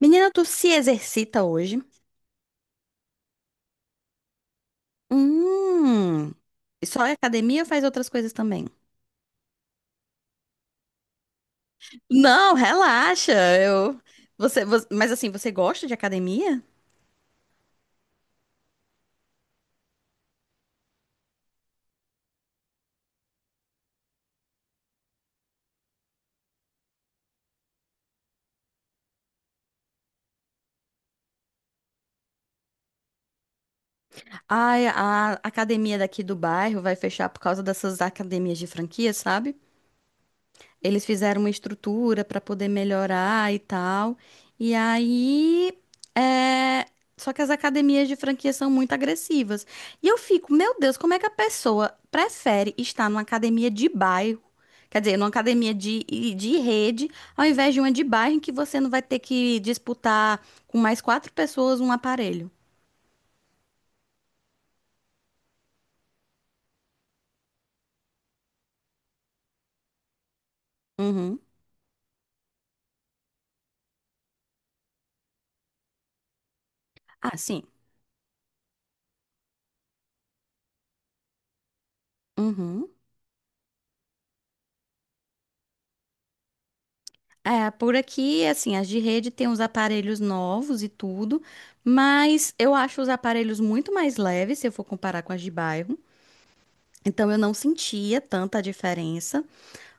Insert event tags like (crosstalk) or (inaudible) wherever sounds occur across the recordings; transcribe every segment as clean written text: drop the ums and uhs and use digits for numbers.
Menina, tu se exercita hoje? Hum. E só é academia ou faz outras coisas também? Não, relaxa. Eu mas assim, você gosta de academia? Ai, a academia daqui do bairro vai fechar por causa dessas academias de franquia, sabe? Eles fizeram uma estrutura para poder melhorar e tal. E aí, é, só que as academias de franquia são muito agressivas. E eu fico, meu Deus, como é que a pessoa prefere estar numa academia de bairro, quer dizer, numa academia de rede, ao invés de uma de bairro em que você não vai ter que disputar com mais quatro pessoas um aparelho? Uhum. Ah, sim. Uhum. É, por aqui, assim, as de rede tem uns aparelhos novos e tudo, mas eu acho os aparelhos muito mais leves se eu for comparar com as de bairro. Então eu não sentia tanta diferença,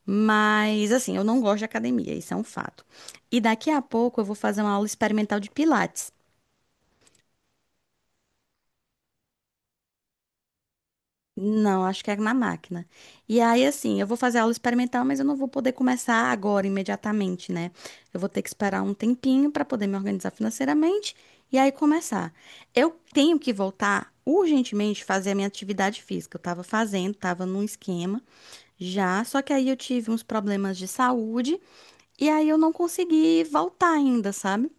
mas assim, eu não gosto de academia, isso é um fato. E daqui a pouco eu vou fazer uma aula experimental de pilates. Não, acho que é na máquina. E aí, assim, eu vou fazer aula experimental, mas eu não vou poder começar agora, imediatamente, né? Eu vou ter que esperar um tempinho para poder me organizar financeiramente e aí começar. Eu tenho que voltar urgentemente fazer a minha atividade física. Eu estava fazendo, estava num esquema já, só que aí eu tive uns problemas de saúde e aí eu não consegui voltar ainda, sabe?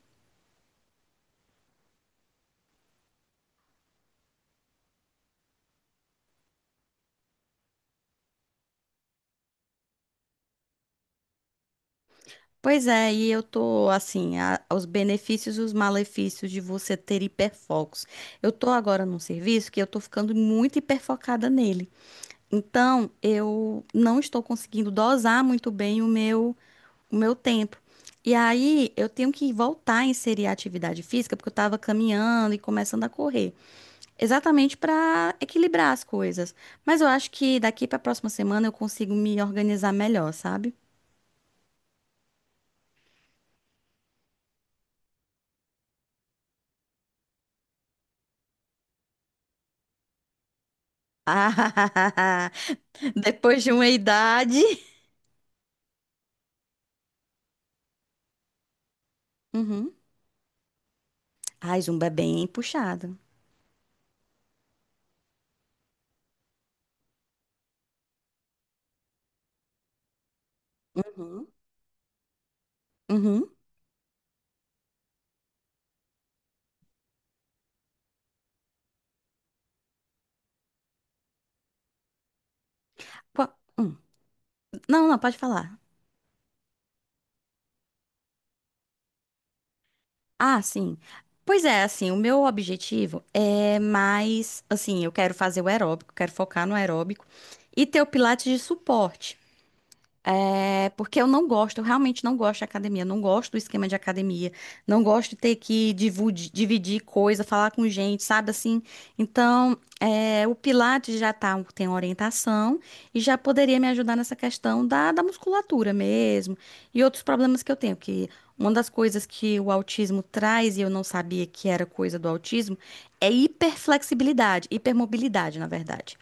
Pois é, e eu tô assim, os benefícios e os malefícios de você ter hiperfocos. Eu tô agora num serviço que eu tô ficando muito hiperfocada nele. Então, eu não estou conseguindo dosar muito bem o meu, tempo. E aí, eu tenho que voltar a inserir a atividade física, porque eu tava caminhando e começando a correr, exatamente para equilibrar as coisas. Mas eu acho que daqui para a próxima semana eu consigo me organizar melhor, sabe? (laughs) (laughs) Depois de uma idade. Uhum. Ai, Zumba é bem puxado. Uhum. Uhum. Hum. Não, não, pode falar. Ah, sim. Pois é, assim, o meu objetivo é mais, assim, eu quero fazer o aeróbico, quero focar no aeróbico e ter o pilates de suporte. É, porque eu não gosto, eu realmente não gosto de academia, não gosto do esquema de academia, não gosto de ter que dividir coisa, falar com gente, sabe assim? Então, o Pilates já tá, tem orientação e já poderia me ajudar nessa questão da musculatura mesmo e outros problemas que eu tenho, que uma das coisas que o autismo traz e eu não sabia que era coisa do autismo é hiperflexibilidade, hipermobilidade, na verdade.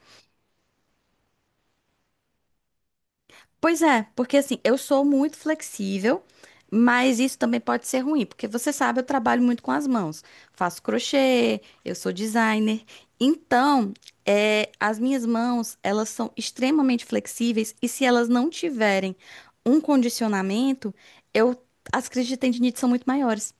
Pois é, porque assim, eu sou muito flexível, mas isso também pode ser ruim, porque você sabe, eu trabalho muito com as mãos. Faço crochê, eu sou designer. Então, as minhas mãos, elas são extremamente flexíveis e se elas não tiverem um condicionamento, eu, as crises de tendinite são muito maiores.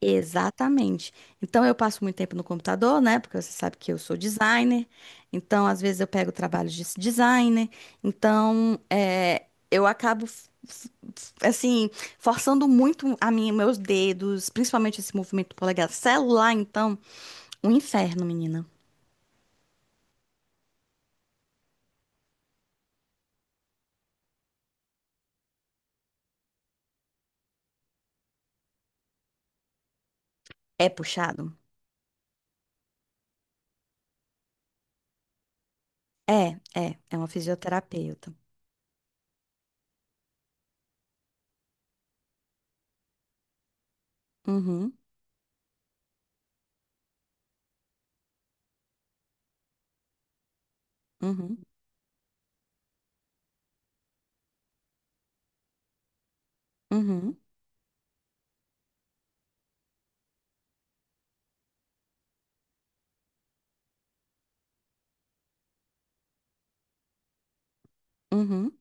Exatamente. Então eu passo muito tempo no computador, né? Porque você sabe que eu sou designer. Então, às vezes, eu pego trabalho de designer. Então, eu acabo assim, forçando muito a minha, meus dedos, principalmente esse movimento do polegar. Celular, então, um inferno, menina. É puxado? É, é uma fisioterapeuta. Uhum, uhum, uhum, uhum.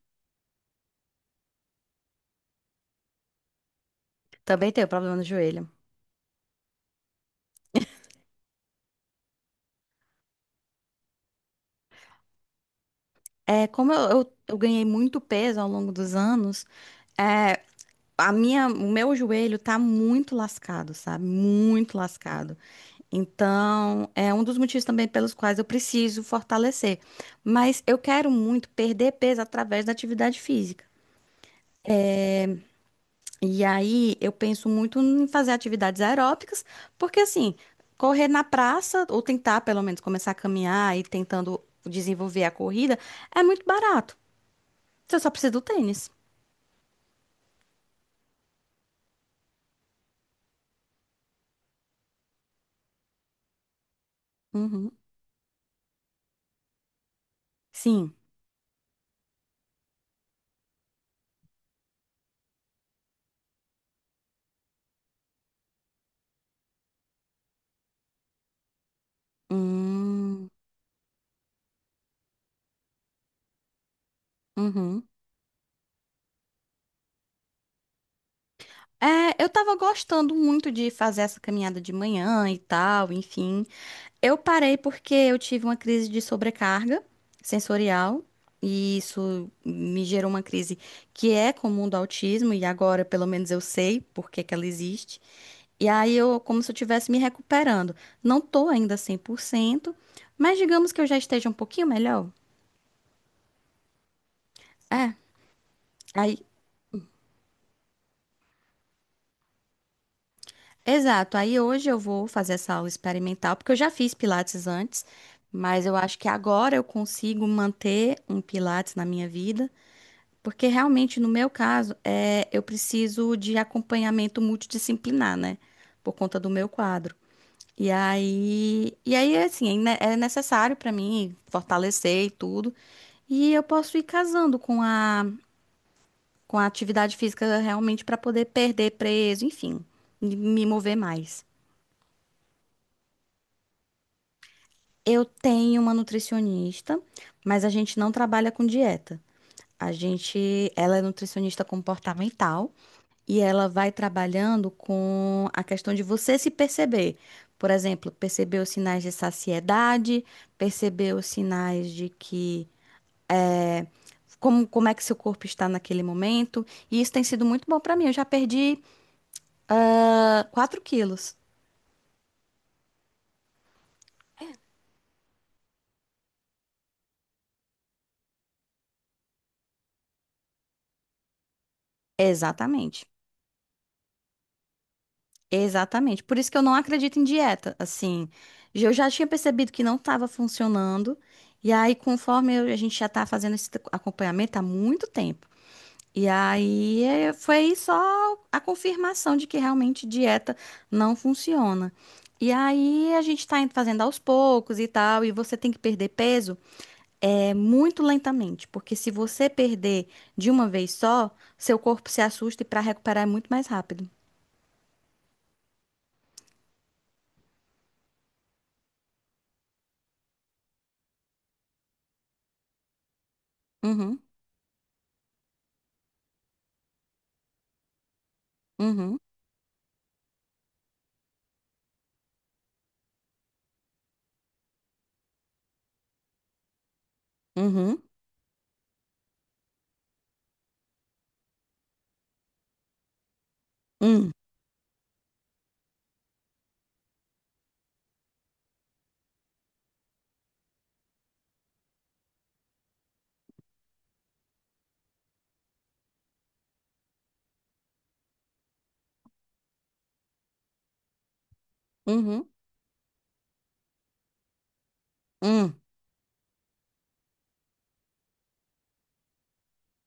Também tenho problema no joelho. É, como eu ganhei muito peso ao longo dos anos, é, a minha, o meu joelho tá muito lascado, sabe? Muito lascado. Então, é um dos motivos também pelos quais eu preciso fortalecer. Mas eu quero muito perder peso através da atividade física. E aí, eu penso muito em fazer atividades aeróbicas, porque assim, correr na praça, ou tentar pelo menos começar a caminhar e tentando desenvolver a corrida, é muito barato. Você só precisa do tênis. Uhum. Sim. Hum, uhum. É, eu tava gostando muito de fazer essa caminhada de manhã e tal, enfim. Eu parei porque eu tive uma crise de sobrecarga sensorial e isso me gerou uma crise que é comum do autismo e agora pelo menos eu sei por que que ela existe. E aí eu como se eu estivesse me recuperando. Não tô ainda 100%, mas digamos que eu já esteja um pouquinho melhor. É. Exato. Aí hoje eu vou fazer essa aula experimental, porque eu já fiz pilates antes, mas eu acho que agora eu consigo manter um pilates na minha vida, porque realmente no meu caso, eu preciso de acompanhamento multidisciplinar, né? Por conta do meu quadro. E aí assim, é necessário para mim fortalecer e tudo, e eu posso ir casando com a atividade física realmente para poder perder peso, enfim, e me mover mais. Eu tenho uma nutricionista, mas a gente não trabalha com dieta. A gente, ela é nutricionista comportamental e ela vai trabalhando com a questão de você se perceber. Por exemplo, perceber os sinais de saciedade, perceber os sinais de que como é que seu corpo está naquele momento. E isso tem sido muito bom para mim. Eu já perdi, 4 quilos. Exatamente. Exatamente. Por isso que eu não acredito em dieta. Assim, eu já tinha percebido que não estava funcionando. E aí, conforme a gente já tá fazendo esse acompanhamento há muito tempo. E aí foi só a confirmação de que realmente dieta não funciona. E aí a gente tá indo fazendo aos poucos e tal, e você tem que perder peso é muito lentamente, porque se você perder de uma vez só, seu corpo se assusta e para recuperar é muito mais rápido. Uhum, uhum, uhum. Hum, uhum, hum.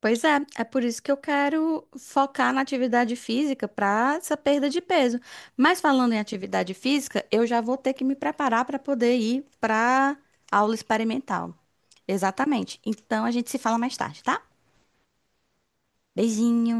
Pois é, é por isso que eu quero focar na atividade física para essa perda de peso. Mas falando em atividade física, eu já vou ter que me preparar para poder ir para aula experimental. Exatamente. Então a gente se fala mais tarde, tá? Beijinho.